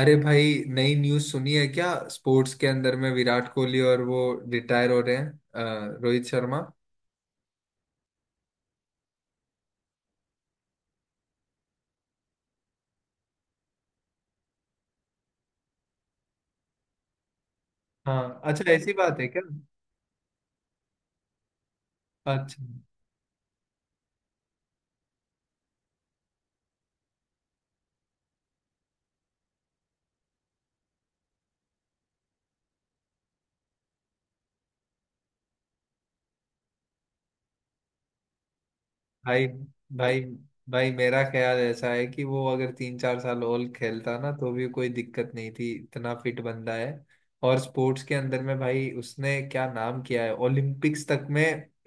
अरे भाई नई न्यूज़ सुनी है क्या स्पोर्ट्स के अंदर में विराट कोहली और वो रिटायर हो रहे हैं, रोहित शर्मा। हाँ अच्छा ऐसी बात है क्या। अच्छा। भाई भाई भाई मेरा ख्याल ऐसा है कि वो अगर तीन चार साल और खेलता ना तो भी कोई दिक्कत नहीं थी, इतना फिट बंदा है। और स्पोर्ट्स के अंदर में भाई उसने क्या नाम किया है, ओलंपिक्स तक में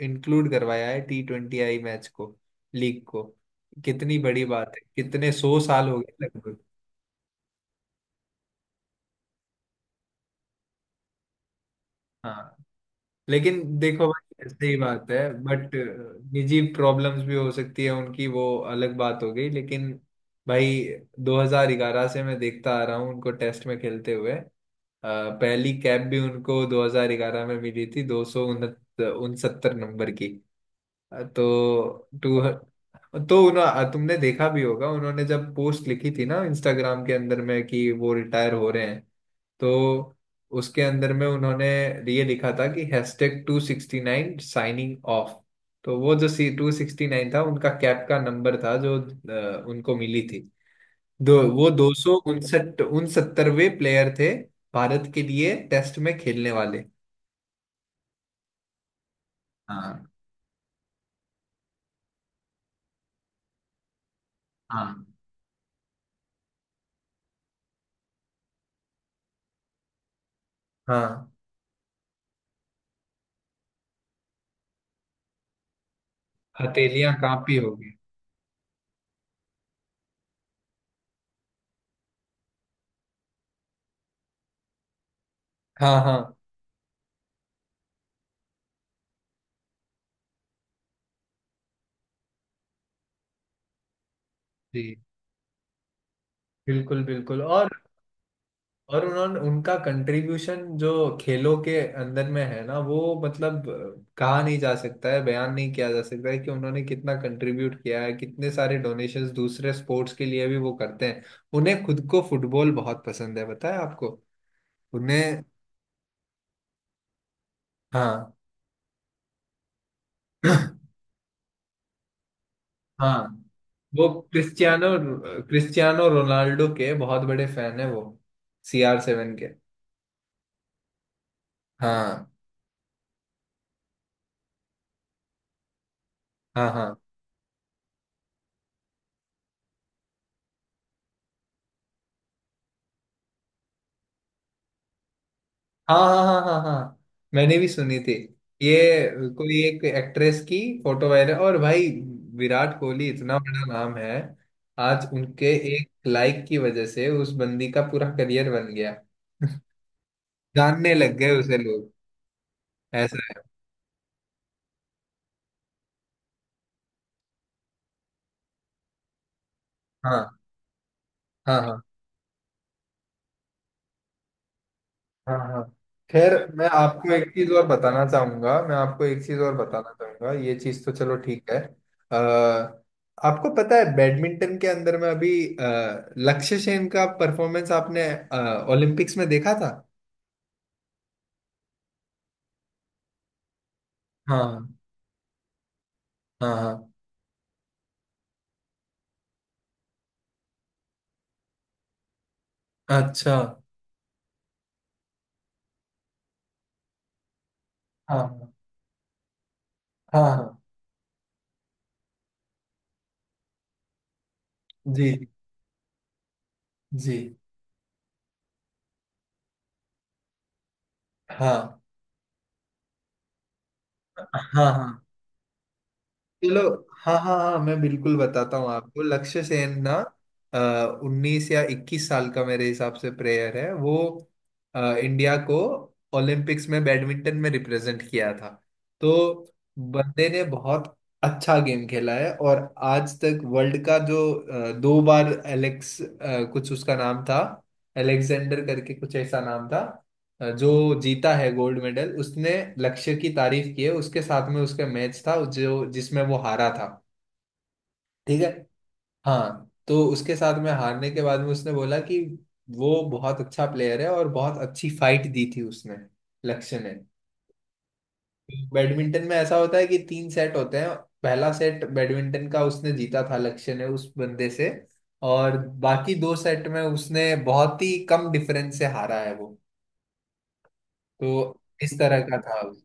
इंक्लूड करवाया है T20I मैच को, लीग को। कितनी बड़ी बात है, कितने सौ साल हो गए लगभग। हाँ, लेकिन देखो भाई सही बात है बट निजी प्रॉब्लम्स भी हो सकती है उनकी, वो अलग बात हो गई लेकिन। भाई, 2011 से मैं देखता आ रहा हूँ उनको टेस्ट में खेलते हुए। पहली कैप भी उनको 2011 में मिली थी, 270 नंबर की। अ, तो टू तो उन्हों तुमने देखा भी होगा उन्होंने जब पोस्ट लिखी थी ना इंस्टाग्राम के अंदर में कि वो रिटायर हो रहे हैं, तो उसके अंदर में उन्होंने ये लिखा था कि हैशटैग 269 साइनिंग ऑफ। तो वो जो C269 था उनका कैप का नंबर था जो उनको मिली थी। दो सौ उनसठ उनसत्तरवें प्लेयर थे भारत के लिए टेस्ट में खेलने वाले। हाँ हाँ हाँ, हथेलियां कांपी होगी। हाँ हाँ। जी, बिल्कुल बिल्कुल। और उन्होंने उनका कंट्रीब्यूशन जो खेलों के अंदर में है ना वो मतलब, कहा नहीं जा सकता है, बयान नहीं किया जा सकता है कि उन्होंने कितना कंट्रीब्यूट किया है। कितने सारे डोनेशंस दूसरे स्पोर्ट्स के लिए भी वो करते हैं। उन्हें खुद को फुटबॉल बहुत पसंद है, पता है आपको उन्हें। हाँ। हाँ, वो क्रिस्टियानो क्रिस्टियानो रोनाल्डो के बहुत बड़े फैन है वो, CR7 के। हाँ हाँ हाँ हाँ हाँ। हाँ हाँ हाँ, मैंने भी सुनी थी ये, कोई एक एक्ट्रेस की फोटो वायरल। और भाई विराट कोहली इतना बड़ा नाम है, आज उनके एक लाइक की वजह से उस बंदी का पूरा करियर बन गया। जानने लग गए उसे लोग। ऐसा है। हाँ हाँ हाँ हाँ हाँ। खैर, मैं आपको एक चीज और बताना चाहूंगा। ये चीज तो चलो ठीक है। आ, आपको पता है बैडमिंटन के अंदर में अभी अ, लक्ष्य सेन का परफॉर्मेंस आपने, ओलंपिक्स में देखा था। हाँ हाँ हाँ। अच्छा। हाँ हाँ हाँ। जी जी। हाँ हाँ हाँ, चलो। हाँ हाँ हाँ, मैं बिल्कुल बताता हूँ आपको। लक्ष्य सेन ना 19 या 21 साल का मेरे हिसाब से प्लेयर है वो। , इंडिया को ओलंपिक्स में बैडमिंटन में रिप्रेजेंट किया था। तो बंदे ने बहुत अच्छा गेम खेला है। और आज तक वर्ल्ड का जो, दो बार कुछ उसका नाम था, एलेक्जेंडर करके कुछ ऐसा नाम था जो जीता है गोल्ड मेडल, उसने लक्ष्य की तारीफ की है। उसके साथ में उसका मैच था जो जिसमें वो हारा था, ठीक है। हाँ, तो उसके साथ में हारने के बाद में उसने बोला कि वो बहुत अच्छा प्लेयर है और बहुत अच्छी फाइट दी थी उसने, लक्ष्य ने। बैडमिंटन में ऐसा होता है कि 3 सेट होते हैं। पहला सेट बैडमिंटन का उसने जीता था, लक्ष्य ने उस बंदे से। और बाकी 2 सेट में उसने बहुत ही कम डिफरेंस से हारा है वो। तो इस तरह का था उस-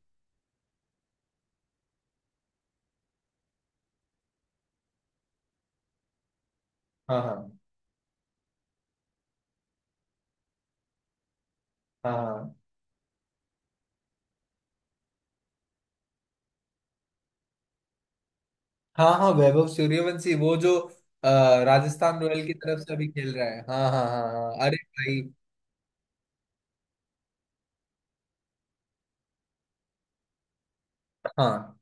हाँ हाँ हाँ हाँ हाँ हाँ, वैभव सूर्यवंशी वो जो अ, राजस्थान रॉयल की तरफ से अभी खेल रहा है। हाँ हाँ हाँ हाँ हाँ। अरे भाई, हाँ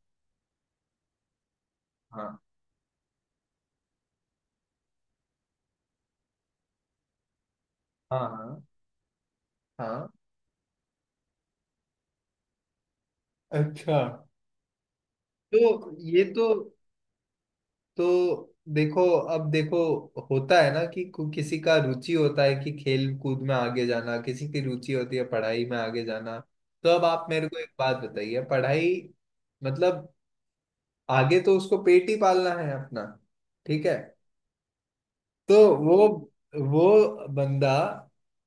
हाँ हाँ हाँ हाँ। अच्छा। तो ये तो देखो, अब देखो, होता है ना कि किसी का रुचि होता है कि खेल कूद में आगे जाना, किसी की रुचि होती है पढ़ाई में आगे जाना। तो अब आप मेरे को एक बात बताइए, पढ़ाई मतलब आगे तो उसको पेट ही पालना है अपना, ठीक है। तो वो वो बंदा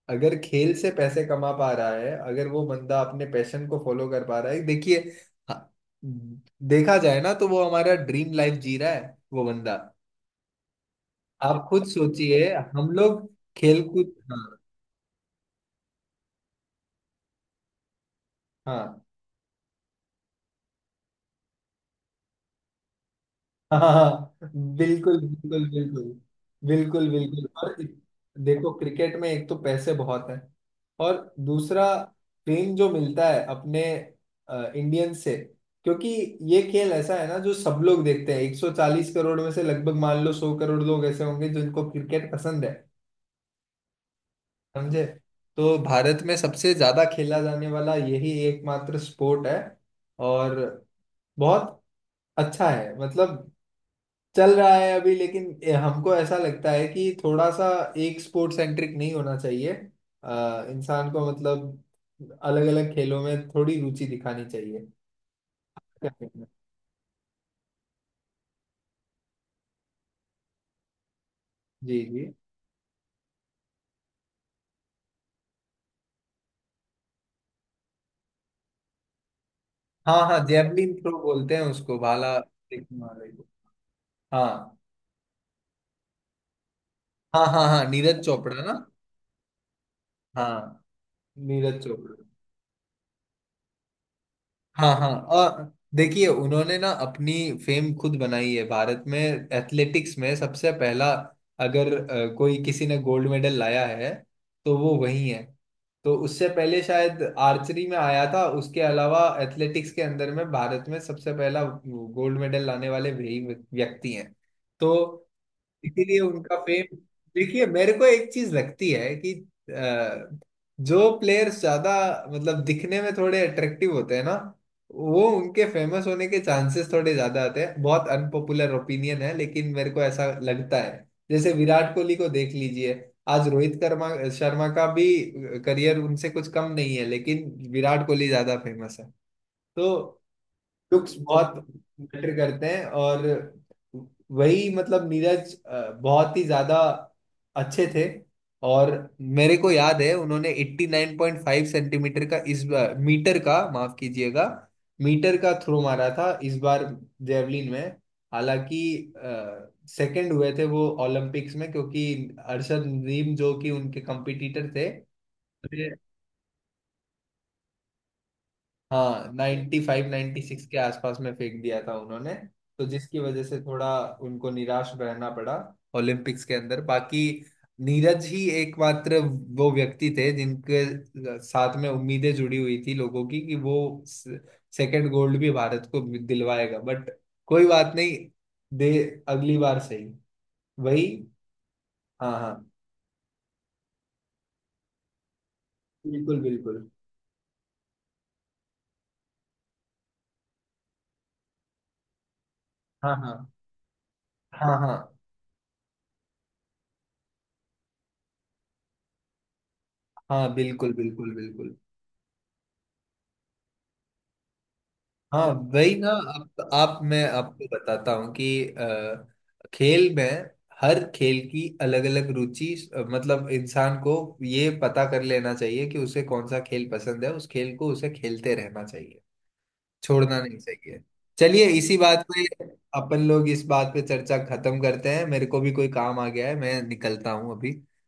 अगर खेल से पैसे कमा पा रहा है, अगर वो बंदा अपने पैशन को फॉलो कर पा रहा है, देखिए, हाँ, देखा जाए ना तो वो हमारा ड्रीम लाइफ जी रहा है वो बंदा। आप खुद सोचिए हम लोग, खेल कूद। हाँ हाँ। हाँ, बिल्कुल बिल्कुल। बिल्कुल बिल्कुल बिल्कुल। और देखो क्रिकेट में एक तो पैसे बहुत हैं, और दूसरा फेम जो मिलता है अपने इंडियन से, क्योंकि ये खेल ऐसा है ना जो सब लोग देखते हैं। 140 करोड़ में से लगभग मान लो 100 करोड़ लोग ऐसे होंगे जिनको क्रिकेट पसंद है, समझे। तो भारत में सबसे ज्यादा खेला जाने वाला यही एकमात्र स्पोर्ट है। और बहुत अच्छा है, मतलब चल रहा है अभी। लेकिन हमको ऐसा लगता है कि थोड़ा सा एक स्पोर्ट सेंट्रिक नहीं होना चाहिए, इंसान को। मतलब अलग अलग खेलों में थोड़ी रुचि दिखानी चाहिए। क्या कहना है? जी जी। हाँ हाँ, जैवलिन थ्रो बोलते हैं उसको, भाला फेंकने वाले को। हाँ हाँ हाँ हाँ, नीरज चोपड़ा ना। हाँ, नीरज चोपड़ा। हाँ हाँ, और देखिए उन्होंने ना अपनी फेम खुद बनाई है। भारत में एथलेटिक्स में सबसे पहला अगर, कोई किसी ने गोल्ड मेडल लाया है तो वो वही है। तो उससे पहले शायद आर्चरी में आया था, उसके अलावा एथलेटिक्स के अंदर में भारत में सबसे पहला गोल्ड मेडल लाने वाले वही व्यक्ति हैं। तो इसीलिए उनका फेम, देखिए मेरे को एक चीज लगती है कि अ, जो प्लेयर्स ज्यादा मतलब दिखने में थोड़े अट्रैक्टिव होते हैं ना, वो उनके फेमस होने के चांसेस थोड़े ज्यादा आते हैं। बहुत अनपॉपुलर ओपिनियन है लेकिन मेरे को ऐसा लगता है। जैसे विराट कोहली को देख लीजिए, आज रोहित कर्मा शर्मा का भी करियर उनसे कुछ कम नहीं है, लेकिन विराट कोहली ज्यादा फेमस है। तो लुक्स बहुत मैटर करते हैं। और वही मतलब नीरज, बहुत ही ज्यादा अच्छे थे। और मेरे को याद है उन्होंने 89.5 सेंटीमीटर का इस बार मीटर का, माफ कीजिएगा, मीटर का थ्रो मारा था इस बार जेवलिन में। हालांकि सेकंड हुए थे वो ओलंपिक्स में, क्योंकि अरशद नदीम जो कि उनके कंपटीटर थे, हाँ 95, 96 के आसपास में फेंक दिया था उन्होंने। तो जिसकी वजह से थोड़ा उनको निराश रहना पड़ा ओलंपिक्स के अंदर। बाकी नीरज ही एकमात्र वो व्यक्ति थे जिनके साथ में उम्मीदें जुड़ी हुई थी लोगों की, कि वो सेकंड गोल्ड भी भारत को दिलवाएगा, बट कोई बात नहीं। दे, अगली बार सही। वही, हाँ हाँ, बिल्कुल बिल्कुल। हाँ हाँ हाँ हाँ हाँ, बिल्कुल बिल्कुल बिल्कुल। हाँ वही ना। आप, मैं आपको बताता हूँ कि, खेल में हर खेल की अलग अलग रुचि, मतलब इंसान को ये पता कर लेना चाहिए कि उसे कौन सा खेल पसंद है, उस खेल को उसे खेलते रहना चाहिए, छोड़ना नहीं चाहिए। चलिए, इसी बात पे अपन लोग इस बात पे चर्चा खत्म करते हैं। मेरे को भी कोई काम आ गया है, मैं निकलता हूँ अभी।